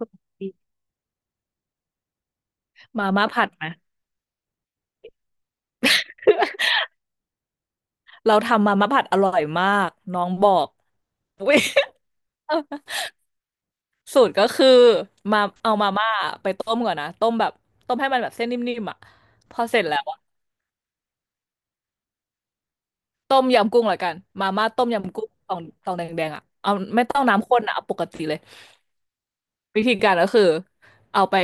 ปกติมาม่าผัดไหมเราทำมาม่าผัดอร่อยมากน้องบอก เว้ยสูตรก็คือมาเอามาม่าไปต้มก่อนนะต้มแบบต้มให้มันแบบเส้นนิ่มๆอ่ะพอเสร็จแล้วอะต้มยำกุ้งละกันมาม่าต้มยำกุ้งตองตองแดงๆอ่ะเอาไม่ต้องน้ำข้นนะเอาปกติเลย วิธีการก็คือเอาไป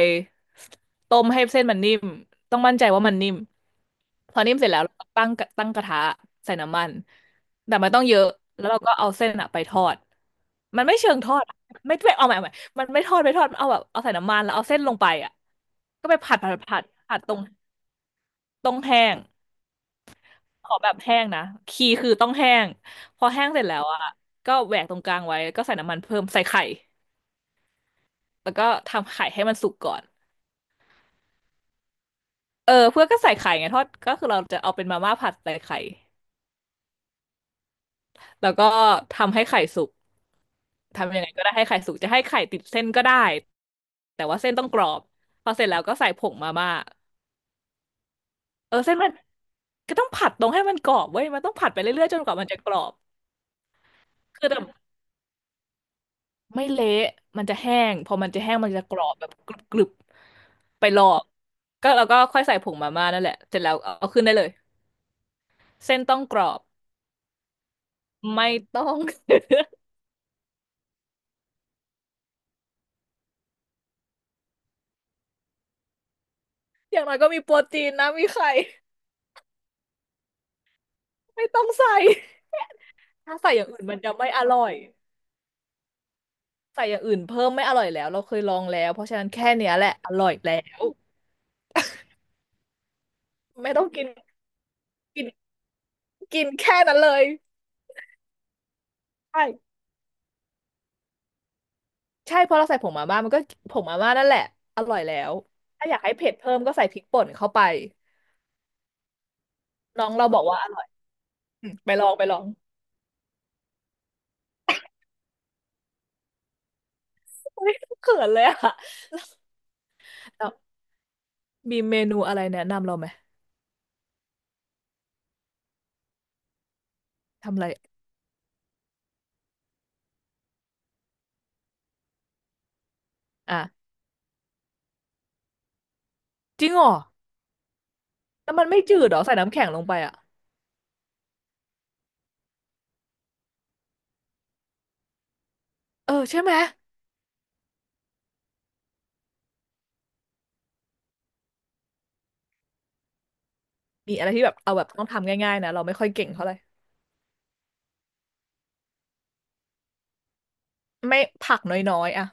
ต้มให้เส้นมันนิ่มต้องมั่นใจว่ามันนิ่มพอนิ่มเสร็จแล้วเราก็ตั้งกระทะใส่น้ำมันแต่มันต้องเยอะแล้วเราก็เอาเส้นอะไปทอดมันไม่เชิงทอดอะไม่เอาใหม่เอาใหม่มันไม่ทอดเอาแบบเอาใส่น้ำมันแล้วเอาเส้นลงไปอ่ะก็ไปผัดผัดผัดผัดตรงต้องแห้งขอแบบแห้งนะคีย์คือต้องแห้งพอแห้งเสร็จแล้วอ่ะก็แหวกตรงกลางไว้แล้วก็ใส่น้ำมันเพิ่มใส่ไข่แล้วก็ทำไข่ให้มันสุกก่อน เออเพื่อนก็ใส่ไข่ไงทอดก็คือเราจะเอาเป็นมาม่าผัดใส่ไข่แล้วก็ทำให้ไข่สุกทำยังไงก็ได้ให้ไข่สุกจะให้ไข่ติดเส้นก็ได้แต่ว่าเส้นต้องกรอบพอเสร็จแล้วก็ใส่ผงมาม่าเออเส้นมันก็ต้องผัดตรงให้มันกรอบเว้ยมันต้องผัดไปเรื่อยๆจนกว่ามันจะกรอบคือแต่ไม่เละมันจะแห้งพอมันจะแห้งมันจะกรอบแบบกรึบๆไปรอบก็แล้วก็ค่อยใส่ผงมาม่านั่นแหละเสร็จแล้วเอาขึ้นได้เลยเส้นต้องกรอบไม่ต้อง อย่างน้อยก็มีโปรตีนนะมีไข่ ไม่ต้องใส่ ถ้าใส่อย่างอื่นมันจะไม่อร่อยใส่อย่างอื่นเพิ่มไม่อร่อยแล้วเราเคยลองแล้วเพราะฉะนั้นแค่เนี้ยแหละอร่อยแล้วไม่ต้องกินกินกินแค่นั้นเลยใช่ใช่เพราะเราใส่ผงมาม่ามันก็ผงมาม่านั่นแหละอร่อยแล้วถ้าอยากให้เผ็ดเพิ่มก็ใส่พริกป่นเข้าไปน้องเราบอกว่าอร่อยอืมไปลองไปลองโอ้ยเขินเลยอะแล้วมีเมนูอะไรแนะนำเราไหมทำอะไรอ่ะจริงเหรอแล้วมันไม่จืดเหรอใส่น้ำแข็งลงไปอะเออใช่ไหม มีอะไรที่แบบเอาแบบต้องทำง่ายๆนะเราไม่ค่อยเก่งเท่าไหร่ไม่ผักน้อยๆอ่ะ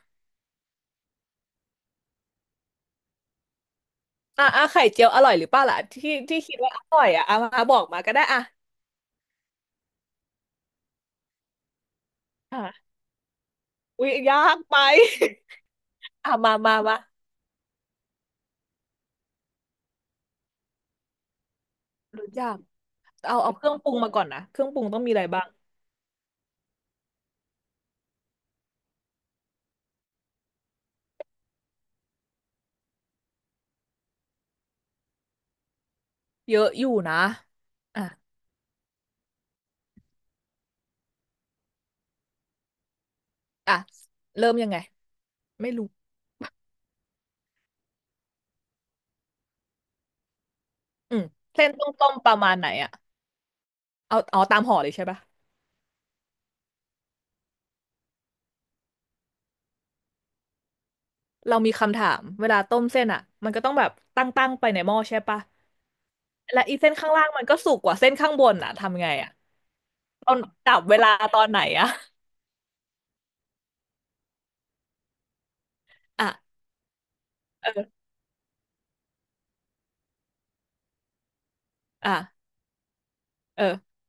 อ่ะอ่ะไข่เจียวอร่อยหรือเปล่าล่ะที่คิดว่าอร่อยอ่ะอ่ะมาบอกมาก็ได้อ่ะอ่ะอุ๊ยยากไป อ่ะมามามารู้ยากเอาเครื่องปรุงมาก่อนนะเครื่องปรุงต้องมีอะไรบ้างเยอะอยู่นะอ่ะอ่ะเริ่มยังไงไม่รู้อืมเส้นต้องต้มประมาณไหนอ่ะเอาตามห่อเลยใช่ปะ เรามีคำถามเวลาต้มเส้นอ่ะมันก็ต้องแบบตั้งไปในหม้อใช่ปะและอีเส้นข้างล่างมันก็สุกกว่าเส้นข้างบนอ่ะทำไงอ่ะตอนจับเวลาตอนไหนอ่ะอ่ะเอออ่ะเออ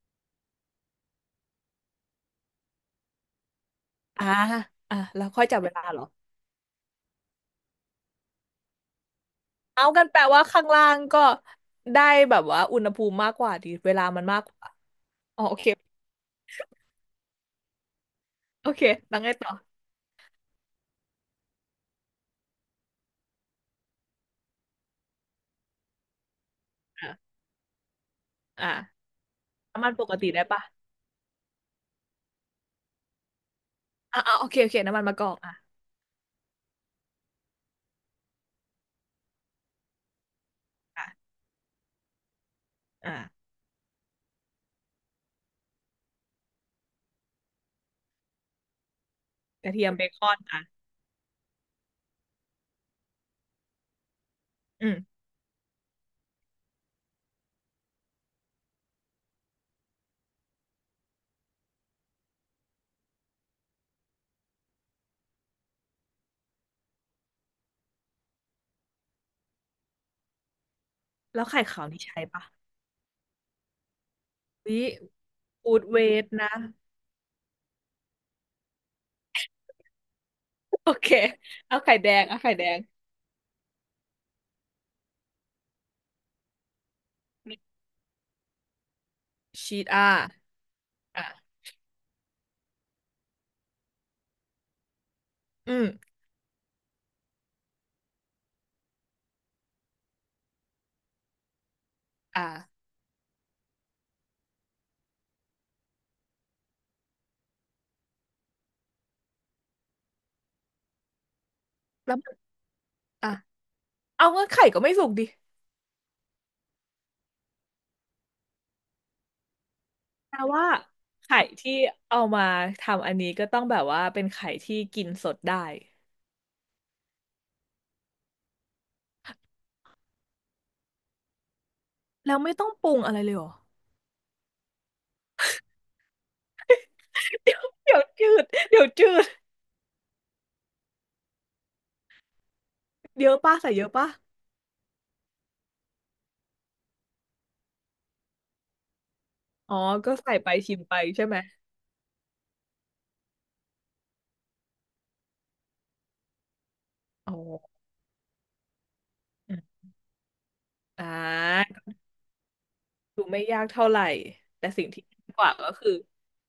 อ่าอ่ะแล้วค่อยจับเวลาเหรอเอากันแปลว่าข้างล่างก็ได้แบบว่าอุณหภูมิมากกว่าดีเวลามันมากกว่าอ๋อโอเคโอเคแล้วไงต่ออ่ะอ่ะน้ำมันปกติได้ปะอ่ะอ่ะโอเคโอเคน้ำมันมะกอกอ่ะอ่ะอ่ะกระเทียมเบคอนอ่ะอืมแล้วไข่ขาวนี่ใช้ปะ ว่ฟูดเวทนะโอเคเอาไข่แดงเอาไข่แดงชีตอ่าอ่ะอืมอ่ะแล้วมันอ่ะเอางั้นไข่ก็ไม่สุกดิแปลว่าไข่ที่เอามาทำอันนี้ก็ต้องแบบว่าเป็นไข่ที่กินสดได้แล้วไม่ต้องปรุงอะไรเลยเหรอเดี๋ยวจืดเดี๋ยวจืดเยอะป่ะใส่เยอะป่ะอ๋อก็ใส่ไปชิมไปใช่ไหมอ๋ออืมอ่าแต่สิ่งที่ดีกว่าก็คือ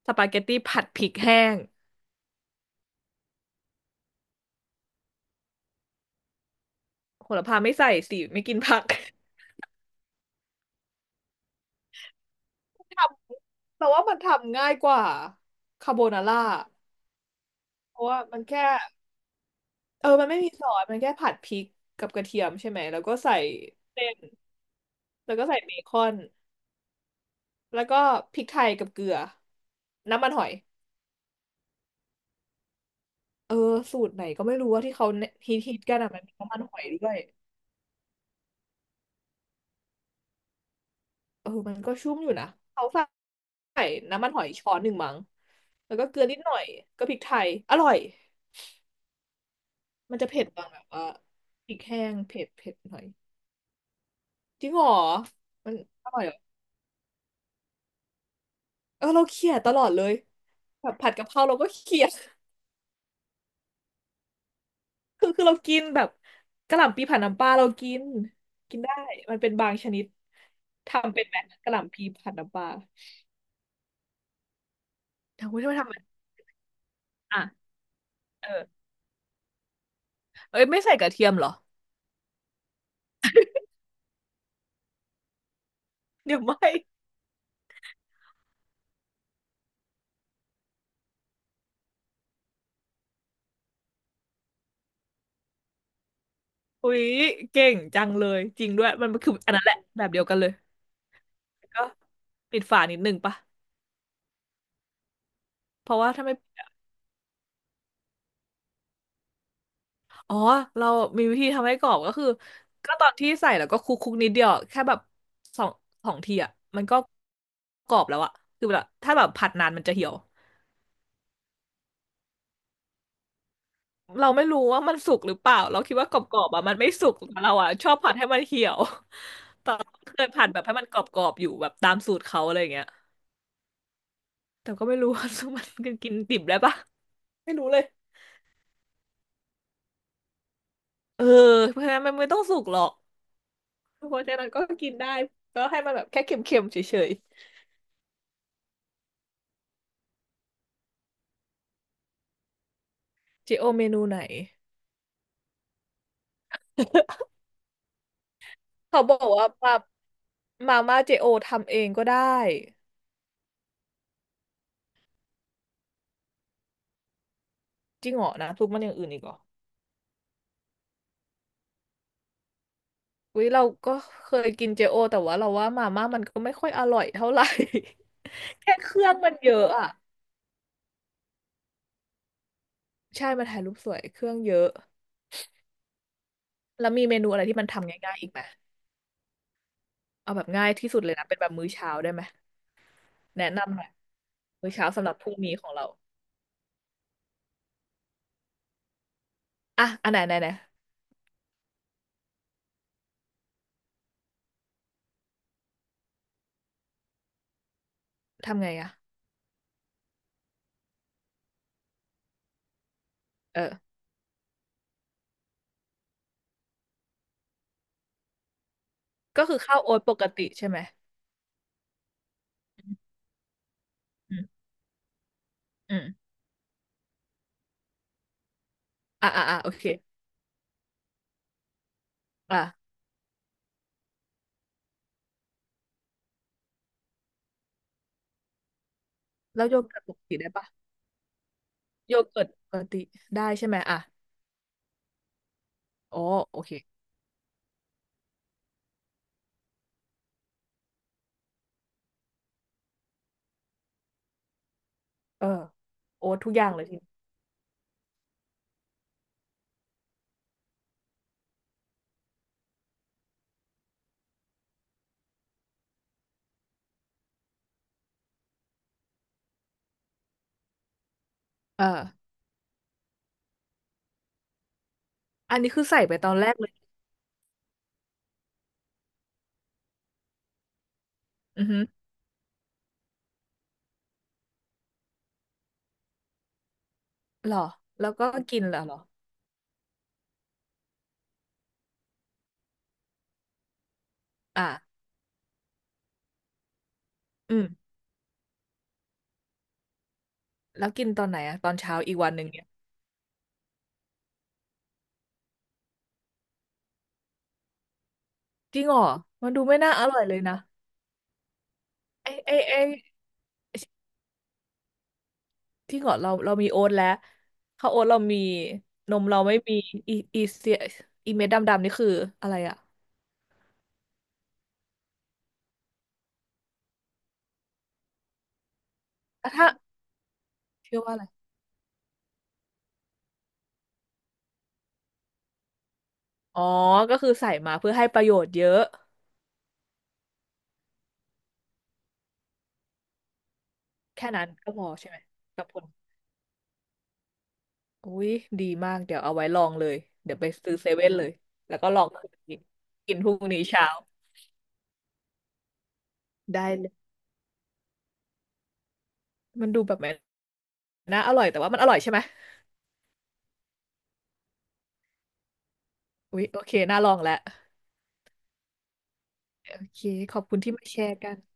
สปาเกตตี้ผัดพริกแห้ง โหระพาไม่ใส่สิไม่กินผัก แต่ว่ามันทำง่ายกว่าคาโบนาร่าเพราะว่ามันแค่เออมันไม่มีซอสมันแค่ผัดพริกกับกระเทียมใช่ไหมแล้วก็ใส่เส้นแล้วก็ใส่เบคอนแล้วก็พริกไทยกับเกลือน้ำมันหอยเออสูตรไหนก็ไม่รู้ว่าที่เขาฮิตกันอ่ะมันมีน้ำมันหอยด้วยเออมันก็ชุ่มอยู่นะเขาใส่น้ำมันหอยช้อนหนึ่งมั้งแล้วก็เกลือนิดหน่อยก็พริกไทยอร่อย มันจะเผ็ดตอนแบบว่าพริกแห้งเผ็ดหน่อยจริงเหรอมันอร่อยเหรอเออเราเคี่ยตลอดเลยแบบผัดกะเพราเราก็เคี่ย คือเรากินแบบกะหล่ำปีผัดน้ำปลาเรากินกินได้มันเป็นบางชนิดทำเป็นไหมกะหล่ำปีผัดน้ำปลาทำไมนอ่ะเออเอ้ยไม่ใส่กระเทียมเหรอเดี๋ยวไม่อุ๊ยเก่งจังเลยจริงด้วยมันคืออันนั้นแหละแบบเดียวกันเลยก็ปิดฝานิดนึงปะเพราะว่าถ้าไม่ อ๋อเรามีวิธีทำให้กรอบก็คือก็ตอนที่ใส่แล้วก็คลุกนิดเดียวแค่แบบสองสองทีอ่ะมันก็กรอบแล้วอ่ะคือแบบถ้าแบบผัดนานมันจะเหี่ยวเราไม่รู้ว่ามันสุกหรือเปล่าเราคิดว่ากรอบๆอ่ะมันไม่สุกแต่เราอ่ะชอบผัดให้มันเหี่ยว แต่เคยผัดแบบให้มันกรอบๆออยู่แบบตามสูตรเขาอะไรอย่างเงี้ยแต่ก็ไม่รู้ว่า มันกินดิบได้ปะไม่รู้เลยเออเพราะฉะนั้นมันไม่ต้องสุกหรอกเพราะฉะนั้นก็กินได้ก็ให้มันแบบแค่เค็มๆเฉยๆเจโอเมนูไหน เขาบอกว่ามาม่าเจโอทำเองก็ได้จริงเหรอนะทุกมันอย่างอื่นอีกเหรอวิเราก็เคยกินเจโอแต่ว่าเราว่ามาม่ามันก็ไม่ค่อยอร่อยเท่าไหร่ แค่เครื่องมันเยอะอ่ะใช่มันถ่ายรูปสวยเครื่องเยอะแล้วมีเมนูอะไรที่มันทำง่ายๆอีกไหมเอาแบบง่ายที่สุดเลยนะเป็นแบบมื้อเช้าได้ไหมแนะนำหน่อยมื้อเช้าสำหรับพรุ่งนี้ของเราอ่ะอันไหนไหนไหนทำไงอ่ะเออก็คือข้าวโอ๊ตปกติใช่ไหมอืมอืมอ่ะโอเคอ่ะแล้วโยเกิร์ตปกติได้ปะ โยเกิร์ตปกติได้ใช่ไหมอ่ะอ๋อโอเคเออโอ๊ตทุกอย่างเลยทีนี้เอออันนี้คือใส่ไปตอนแรกเลยอือฮึหรอแล้วก็กินเหรออ่ะอืมแล้วกินตอนไหนอะตอนเช้าอีกวันหนึ่งเนี่ยจริงเหรอมันดูไม่น่าอร่อยเลยนะไอ้ที่เหรอเรามีโอ๊ตแล้วข้าวโอ๊ตเรามีนมเราไม่มีอีเสียเม็ดดำๆนี่คืออะไรอะอ่ะถ้าเชื่อว่าอะไรอ๋อก็คือใส่มาเพื่อให้ประโยชน์เยอะแค่นั้นก็พอใช่ไหมกับผล อุ้ยดีมากเดี๋ยวเอาไว้ลองเลยเดี๋ยวไปซื้อเซเว่นเลยแล้วก็ลองคืนนี้กินพรุ่งนี้เช้าได้เลยมันดูแบบมันน่าอร่อยแต่ว่ามันอร่อยใช่ไหมอุ๊ยโอเคน่าลองแล้วโอเคขอบคุณที่มาแชร์กัน